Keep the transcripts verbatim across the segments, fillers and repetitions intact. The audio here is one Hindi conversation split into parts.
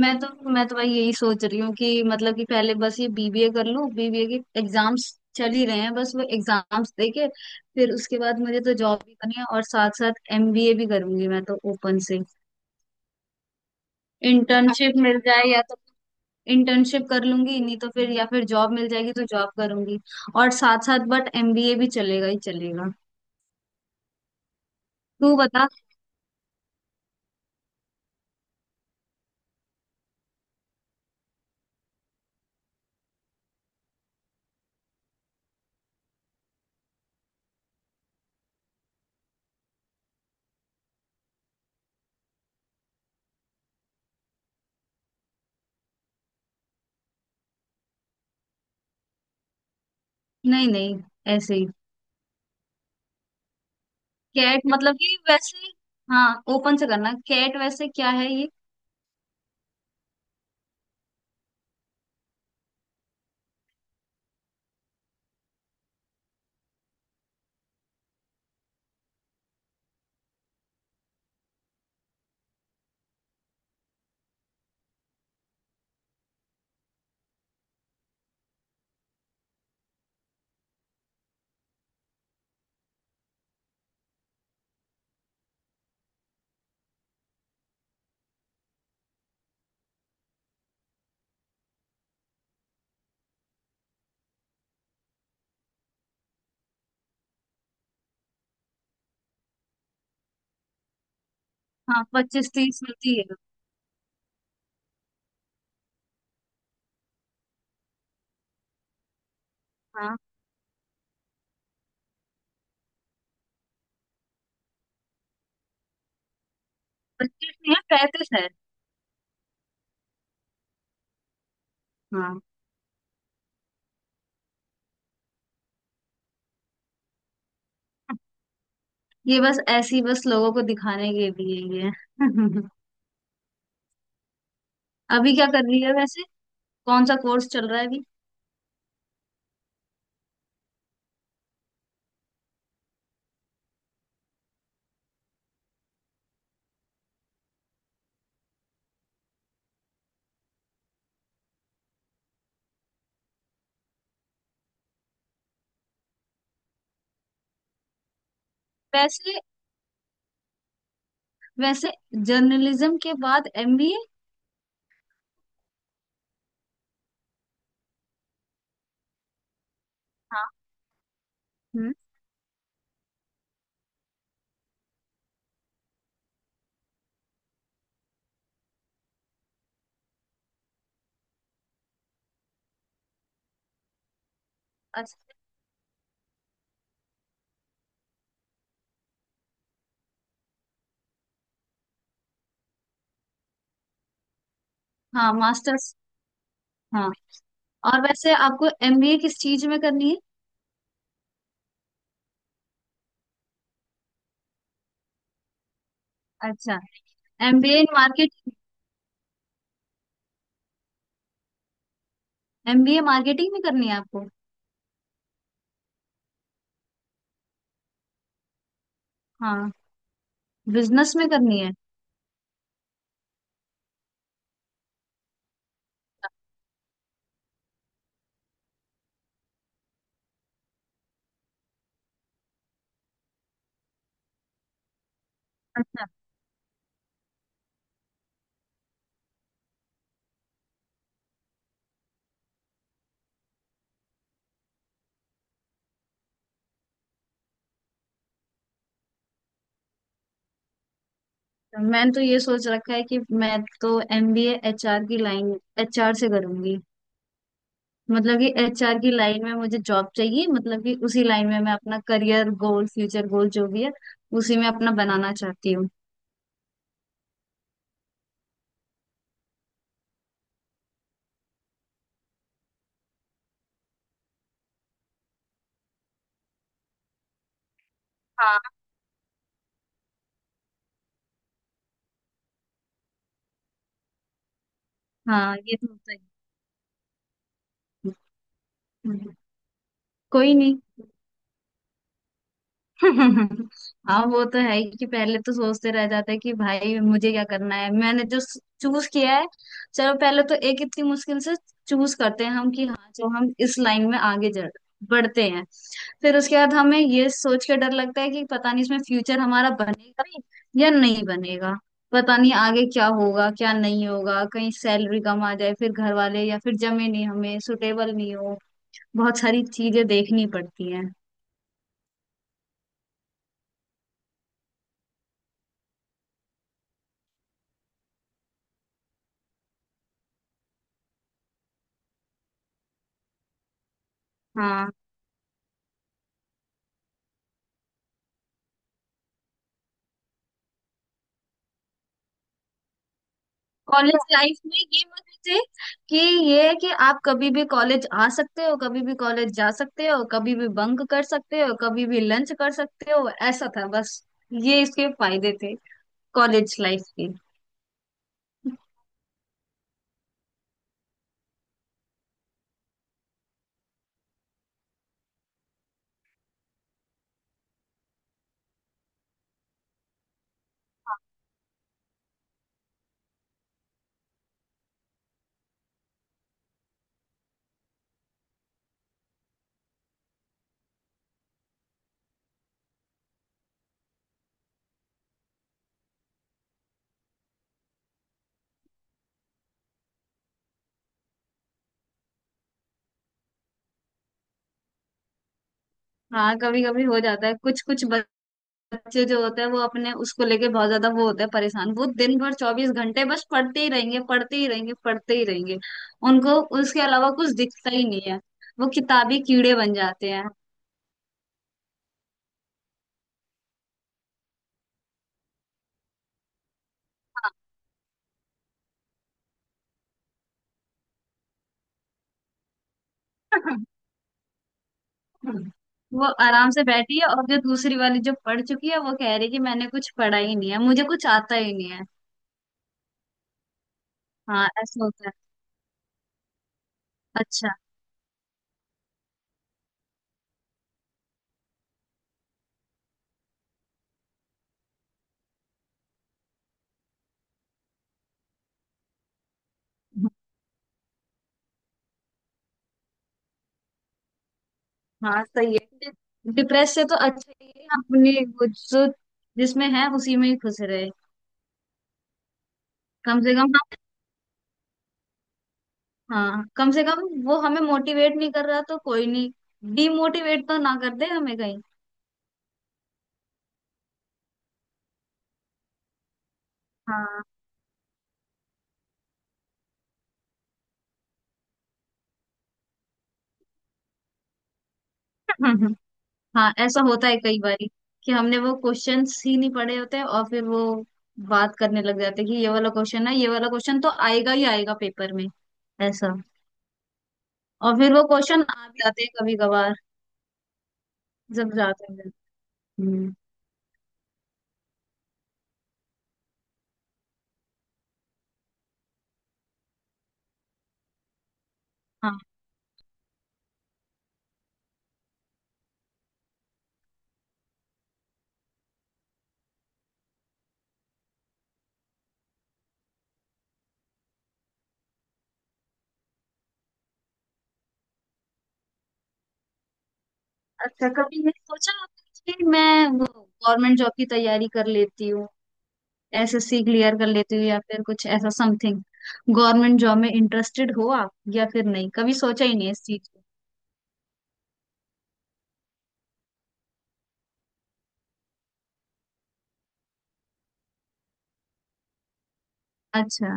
मैं तो मैं तो भाई यही सोच रही हूँ कि मतलब कि पहले बस ये बी बी ए कर लूँ। बी बी ए के एग्जाम्स चल ही रहे हैं, बस वो एग्जाम्स देके फिर उसके बाद मुझे तो जॉब भी करनी है और साथ साथ एम बी ए भी करूंगी मैं तो ओपन से। इंटर्नशिप मिल जाए या तो इंटर्नशिप कर लूंगी, नहीं तो फिर या फिर जॉब मिल जाएगी तो जॉब करूंगी और साथ साथ बट एम बी ए भी चलेगा ही चलेगा। तू बता। नहीं नहीं, ऐसे ही। कैट मतलब कि वैसे, हाँ ओपन से करना कैट वैसे क्या है ये? हाँ, पच्चीस तीस मिलती है। हाँ, प्रैक्टिस नहीं है, प्रैक्टिस है। हाँ, ये बस ऐसी बस लोगों को दिखाने के लिए ये है। अभी क्या कर रही है वैसे? कौन सा कोर्स चल रहा है अभी? वैसे, वैसे जर्नलिज्म के बाद एम बी ए? हाँ। हम्म। अच्छा। हाँ, मास्टर्स। हाँ, और वैसे आपको एम बी ए किस चीज में करनी है? अच्छा, M B A in marketing. M B A marketing में करनी है आपको? हाँ, बिजनेस में करनी है? अच्छा, तो मैंने तो ये सोच रखा है कि मैं तो M B A H R की लाइन, एच आर से करूंगी। मतलब कि एच आर की लाइन में मुझे जॉब चाहिए, मतलब कि उसी लाइन में मैं अपना करियर गोल, फ्यूचर गोल जो भी है उसी में अपना बनाना चाहती हूँ। हाँ। हाँ, ये तो होता ही है। हम्म। कोई नहीं। हाँ वो तो है ही कि पहले तो सोचते रह जाते हैं कि भाई मुझे क्या करना है, मैंने जो चूज किया है। चलो पहले तो एक इतनी मुश्किल से चूज करते हैं हम कि हाँ जो हम इस लाइन में आगे जड़ बढ़ते हैं। फिर उसके बाद हमें ये सोच के डर लगता है कि पता नहीं इसमें फ्यूचर हमारा बनेगा भी या नहीं बनेगा। पता नहीं आगे क्या होगा, क्या नहीं होगा, कहीं सैलरी कम आ जाए, फिर घर वाले या फिर जमे नहीं, हमें सुटेबल नहीं हो। बहुत सारी चीजें देखनी पड़ती हैं। हाँ। कॉलेज लाइफ में ये मत सोचे कि ये है कि आप कभी भी कॉलेज आ सकते हो, कभी भी कॉलेज जा सकते हो, कभी भी बंक कर सकते हो, कभी भी लंच कर सकते हो, ऐसा था बस। ये इसके फायदे थे कॉलेज लाइफ के। हाँ, कभी कभी हो जाता है। कुछ कुछ बच्चे जो होते हैं वो अपने उसको लेके बहुत ज्यादा वो होते हैं परेशान। वो दिन भर चौबीस घंटे बस पढ़ते ही रहेंगे, पढ़ते ही रहेंगे, पढ़ते ही रहेंगे। उनको उसके अलावा कुछ दिखता ही नहीं है। वो किताबी कीड़े बन जाते हैं। हाँ। हम्म। वो आराम से बैठी है और जो दूसरी वाली जो पढ़ चुकी है वो कह रही है कि मैंने कुछ पढ़ा ही नहीं है, मुझे कुछ आता ही नहीं है। हाँ, ऐसा होता है। अच्छा। हाँ सही है। डिप्रेस से तो अच्छा ही है अपनी वो जो जिसमें है उसी में ही खुश रहे। कम से कम हम, हाँ कम से कम वो हमें मोटिवेट नहीं कर रहा तो कोई नहीं, डीमोटिवेट तो ना कर दे हमें कहीं। हाँ। हाँ, ऐसा होता है कई बारी कि हमने वो क्वेश्चंस ही नहीं पढ़े होते और फिर वो बात करने लग जाते हैं कि ये वाला क्वेश्चन है, ये वाला क्वेश्चन तो आएगा ही आएगा पेपर में ऐसा। और फिर वो क्वेश्चन आ भी जाते हैं कभी कभार जब जाते हैं। हम्म। हाँ। अच्छा, कभी नहीं सोचा आपने कि मैं वो गवर्नमेंट जॉब की तैयारी कर लेती हूँ, एस एस सी क्लियर कर लेती हूँ या फिर कुछ ऐसा समथिंग? गवर्नमेंट जॉब में इंटरेस्टेड हो आप या फिर नहीं, कभी सोचा ही नहीं इस चीज को? अच्छा।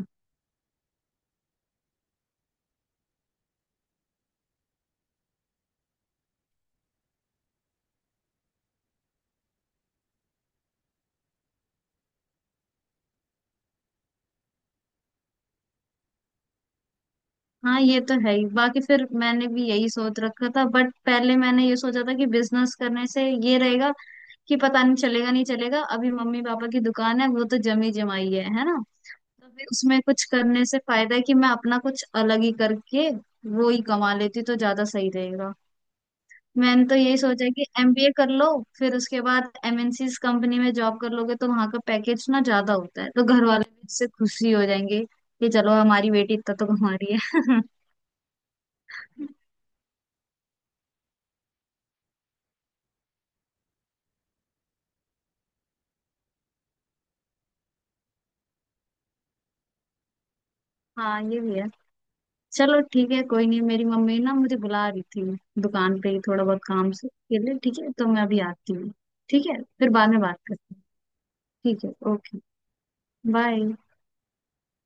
हाँ ये तो है ही। बाकी फिर मैंने भी यही सोच रखा था, बट पहले मैंने ये सोचा था कि बिजनेस करने से ये रहेगा कि पता नहीं चलेगा नहीं चलेगा। अभी मम्मी पापा की दुकान है, वो तो जमी जमाई है, है ना तो फिर उसमें कुछ करने से फायदा है कि मैं अपना कुछ अलग ही करके वो ही कमा लेती तो ज्यादा सही रहेगा। मैंने तो यही सोचा कि एम बी ए कर लो फिर उसके बाद एम एन सीज़ कंपनी में जॉब कर लोगे तो वहां का पैकेज ना ज्यादा होता है, तो घर वाले भी इससे खुशी हो जाएंगे कि चलो हमारी बेटी इतना तो कमा रही है। हाँ ये भी है। चलो ठीक है, कोई नहीं, मेरी मम्मी ना मुझे बुला रही थी दुकान पे ही थोड़ा बहुत काम से के लिए, ठीक है तो मैं अभी आती हूँ। ठीक है फिर बाद में बात करते हैं। ठीक है ओके, बाय।